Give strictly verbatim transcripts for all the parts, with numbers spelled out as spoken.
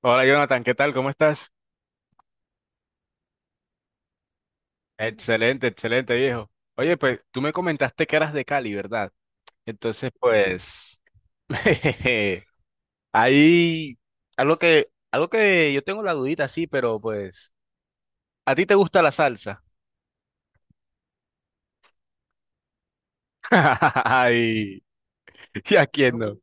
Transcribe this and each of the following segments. Hola Jonathan, ¿qué tal? ¿Cómo estás? Excelente, excelente viejo. Oye, pues tú me comentaste que eras de Cali, ¿verdad? Entonces, pues, ahí, algo que, algo que yo tengo la dudita, sí, pero pues, ¿a ti te gusta la salsa? Ay, ¿y a quién no?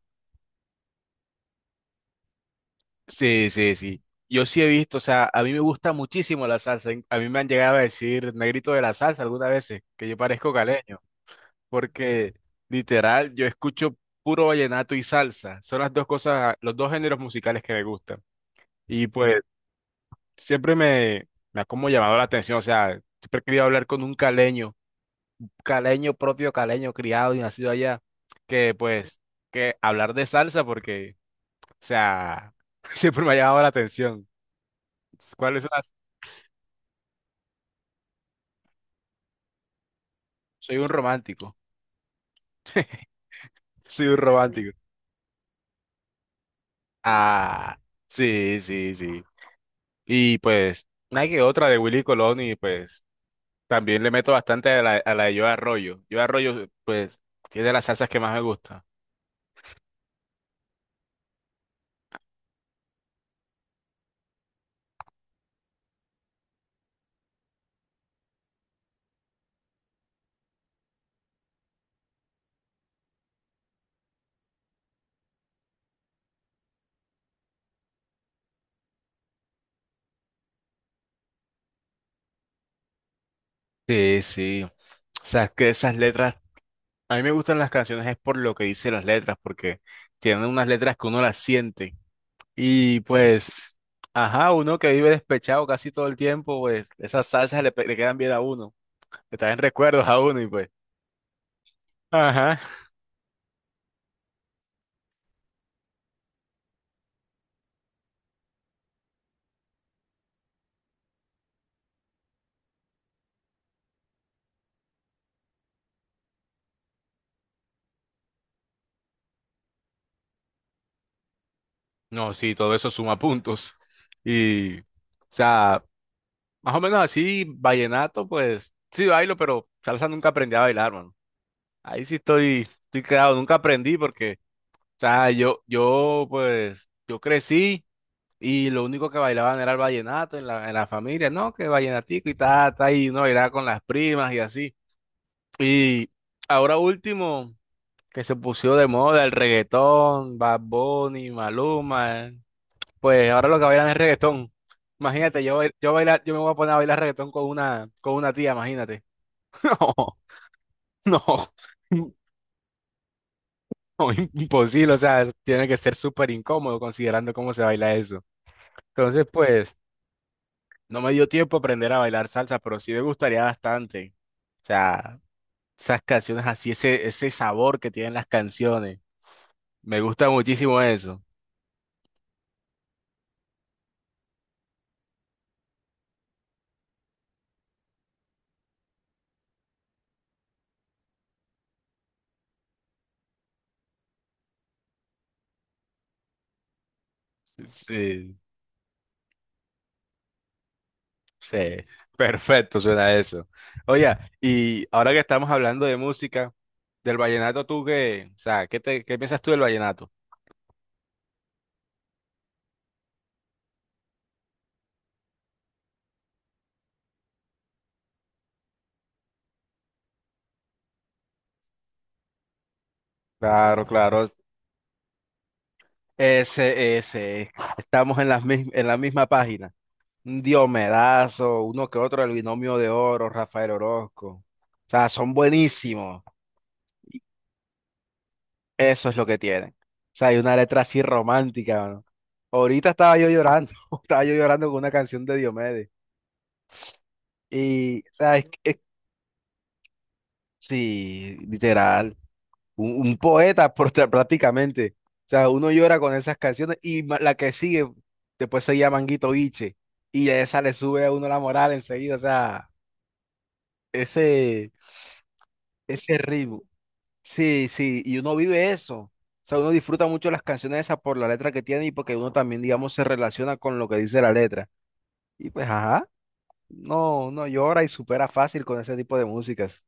Sí, sí, sí. Yo sí he visto, o sea, a mí me gusta muchísimo la salsa. A mí me han llegado a decir negrito de la salsa algunas veces, que yo parezco caleño. Porque literal yo escucho puro vallenato y salsa. Son las dos cosas, los dos géneros musicales que me gustan. Y pues siempre me, me ha como llamado la atención, o sea, siempre he querido hablar con un caleño, caleño propio, caleño criado y nacido allá, que pues que hablar de salsa porque, o sea, siempre me ha llamado la atención. ¿Cuáles son las? Soy un romántico. Soy un romántico. Ah, sí, sí, sí. Y pues, una que otra de Willy Colón y pues también le meto bastante a la, a la de Yo Arroyo. Yo Arroyo, pues, es de las salsas que más me gusta. Sí, sí. O sea, es que esas letras, a mí me gustan las canciones es por lo que dice las letras, porque tienen unas letras que uno las siente. Y pues, ajá, uno que vive despechado casi todo el tiempo, pues esas salsas le, pe- le quedan bien a uno, le traen recuerdos a uno y pues. Ajá. No, sí, todo eso suma puntos. Y, o sea, más o menos así, vallenato, pues sí bailo, pero salsa nunca aprendí a bailar, mano. Ahí sí estoy, estoy quedado, nunca aprendí porque, o sea, yo, yo, pues, yo crecí y lo único que bailaban era el vallenato en la, en la familia, ¿no? Que vallenatico y tal, tal, y uno bailaba con las primas y así. Y ahora último, que se puso de moda el reggaetón, Bad Bunny, Maluma, pues ahora lo que bailan es reggaetón. Imagínate, yo, bail- yo, bailar, yo me voy a poner a bailar reggaetón con una, con una tía, imagínate. No, no, no, imposible, o sea, tiene que ser súper incómodo considerando cómo se baila eso. Entonces, pues, no me dio tiempo aprender a bailar salsa, pero sí me gustaría bastante. O sea, esas canciones así, ese, ese sabor que tienen las canciones. Me gusta muchísimo eso. Sí. Sí, perfecto, suena eso. Oye, y ahora que estamos hablando de música, del vallenato, ¿tú qué? O sea, ¿qué te, qué piensas tú del vallenato? Claro, claro. Ese, ese. Estamos en la, en la misma página. Un Diomedazo, uno que otro, el Binomio de Oro, Rafael Orozco. O sea, son buenísimos. Eso es lo que tienen. O sea, hay una letra así romántica, mano. Ahorita estaba yo llorando, estaba yo llorando con una canción de Diomedes. Y, o sea, es, es sí, literal. Un, un poeta prota- prácticamente. O sea, uno llora con esas canciones y ma- la que sigue después se llama Manguito Biche y a esa le sube a uno la moral enseguida. O sea, ese, ese ritmo. Sí, sí, y uno vive eso. O sea, uno disfruta mucho las canciones esas por la letra que tiene y porque uno también, digamos, se relaciona con lo que dice la letra. Y pues, ajá, no, uno llora y supera fácil con ese tipo de músicas.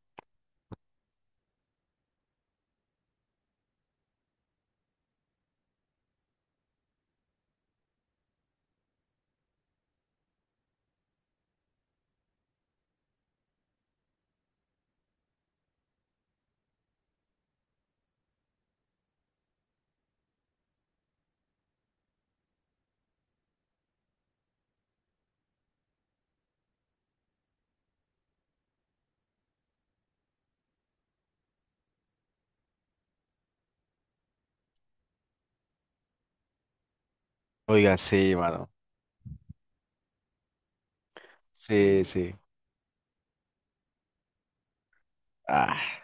Oiga, sí, mano. Sí, sí. Ah.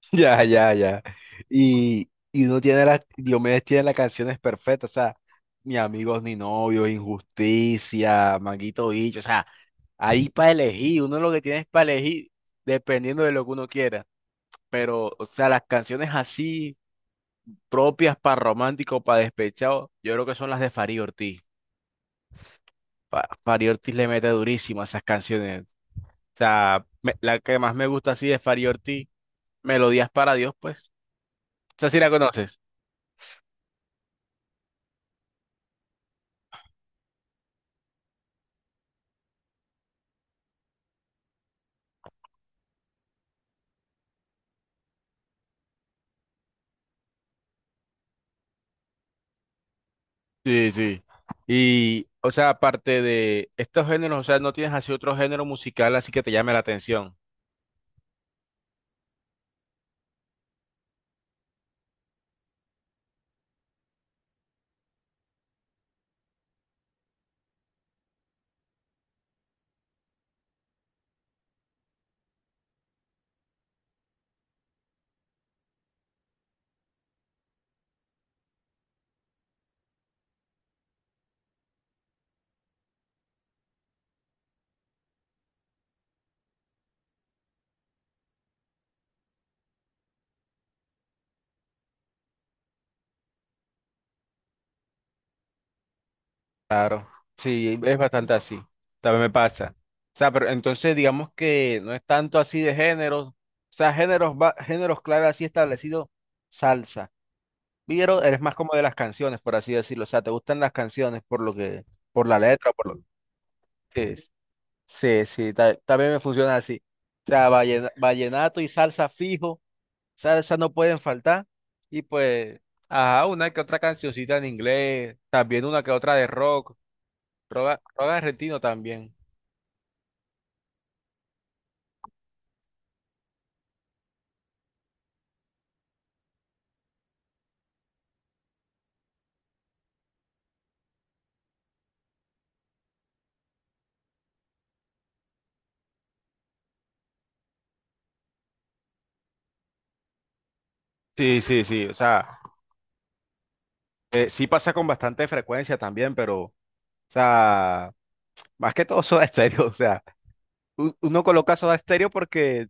Ya, ya, ya. Y, y uno tiene las, Diomedes tiene las canciones perfectas, o sea, ni amigos ni novios, injusticia, manguito bicho, o sea, ahí para elegir, uno lo que tiene es para elegir dependiendo de lo que uno quiera, pero, o sea, las canciones así propias para romántico, para despechado, yo creo que son las de Fari Ortiz. Fa- Fari Ortiz le mete durísimo a esas canciones, o sea, me- la que más me gusta así de Fari Ortiz, Melodías para Dios, pues, o sea, si la conoces. Sí, sí. Y, o sea, aparte de estos géneros, o sea, no tienes así otro género musical así que te llame la atención. Claro. Sí, es bastante así. También me pasa. O sea, pero entonces digamos que no es tanto así de géneros. O sea, géneros, va- géneros clave así establecido, salsa. Pero eres más como de las canciones, por así decirlo. O sea, te gustan las canciones por lo que, por la letra, por lo que es. Sí, sí, ta- también me funciona así. O sea, vallena- vallenato y salsa fijo. Salsa no pueden faltar. Y pues, ajá, una que otra cancioncita en inglés, también una que otra de rock, rock, rock argentino también. Sí, sí, sí, o sea, eh, sí pasa con bastante frecuencia también, pero, o sea, más que todo Soda Stereo, o sea, u- uno coloca Soda Stereo porque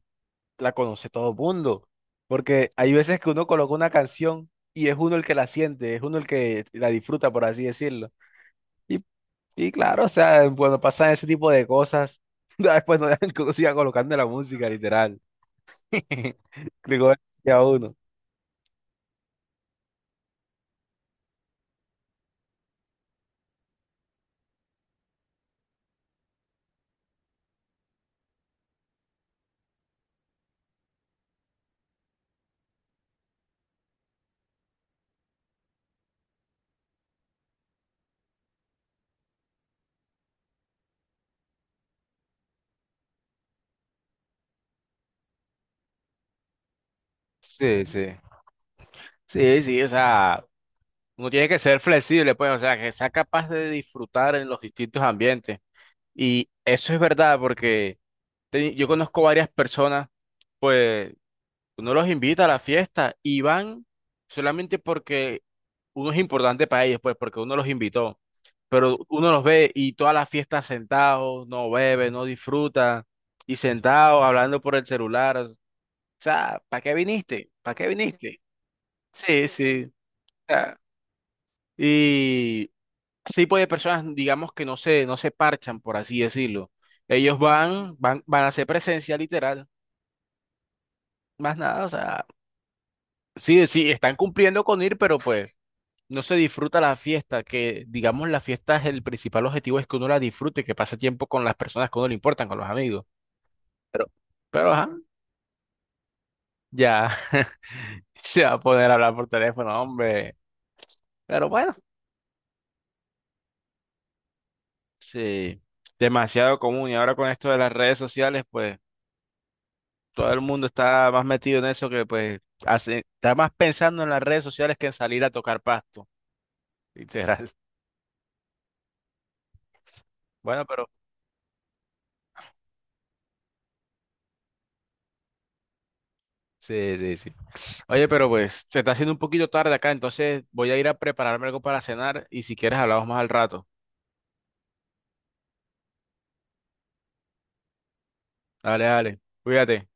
la conoce todo el mundo, porque hay veces que uno coloca una canción y es uno el que la siente, es uno el que la disfruta, por así decirlo, y Y claro, o sea, cuando pasan ese tipo de cosas, ya después no dejan que uno siga colocando la música, literal. Digo, ya uno. Sí, sí. Sí, sí, o sea, uno tiene que ser flexible, pues, o sea, que sea capaz de disfrutar en los distintos ambientes. Y eso es verdad, porque te- yo conozco varias personas, pues. Uno los invita a la fiesta y van solamente porque uno es importante para ellos, pues, porque uno los invitó. Pero uno los ve y todas las fiestas sentados, no bebe, no disfruta, y sentados hablando por el celular. O sea, ¿para qué viniste? ¿Para qué viniste? Sí, sí. O sea, y ese tipo de personas, digamos que no se, no se parchan, por así decirlo. Ellos van, van, van a hacer presencia literal, más nada, o sea, sí, sí, están cumpliendo con ir, pero pues. No se disfruta la fiesta, que digamos la fiesta es el principal objetivo, es que uno la disfrute, que pase tiempo con las personas que a uno le importan, con los amigos. Pero, pero, ajá, ya se va a poder hablar por teléfono, hombre. Pero bueno, sí, demasiado común. Y ahora con esto de las redes sociales, pues todo el mundo está más metido en eso que pues hace, está más pensando en las redes sociales que en salir a tocar pasto, literal. Bueno, pero sí, sí, sí. Oye, pero pues se está haciendo un poquito tarde acá, entonces voy a ir a prepararme algo para cenar y si quieres hablamos más al rato. Dale, dale. Cuídate.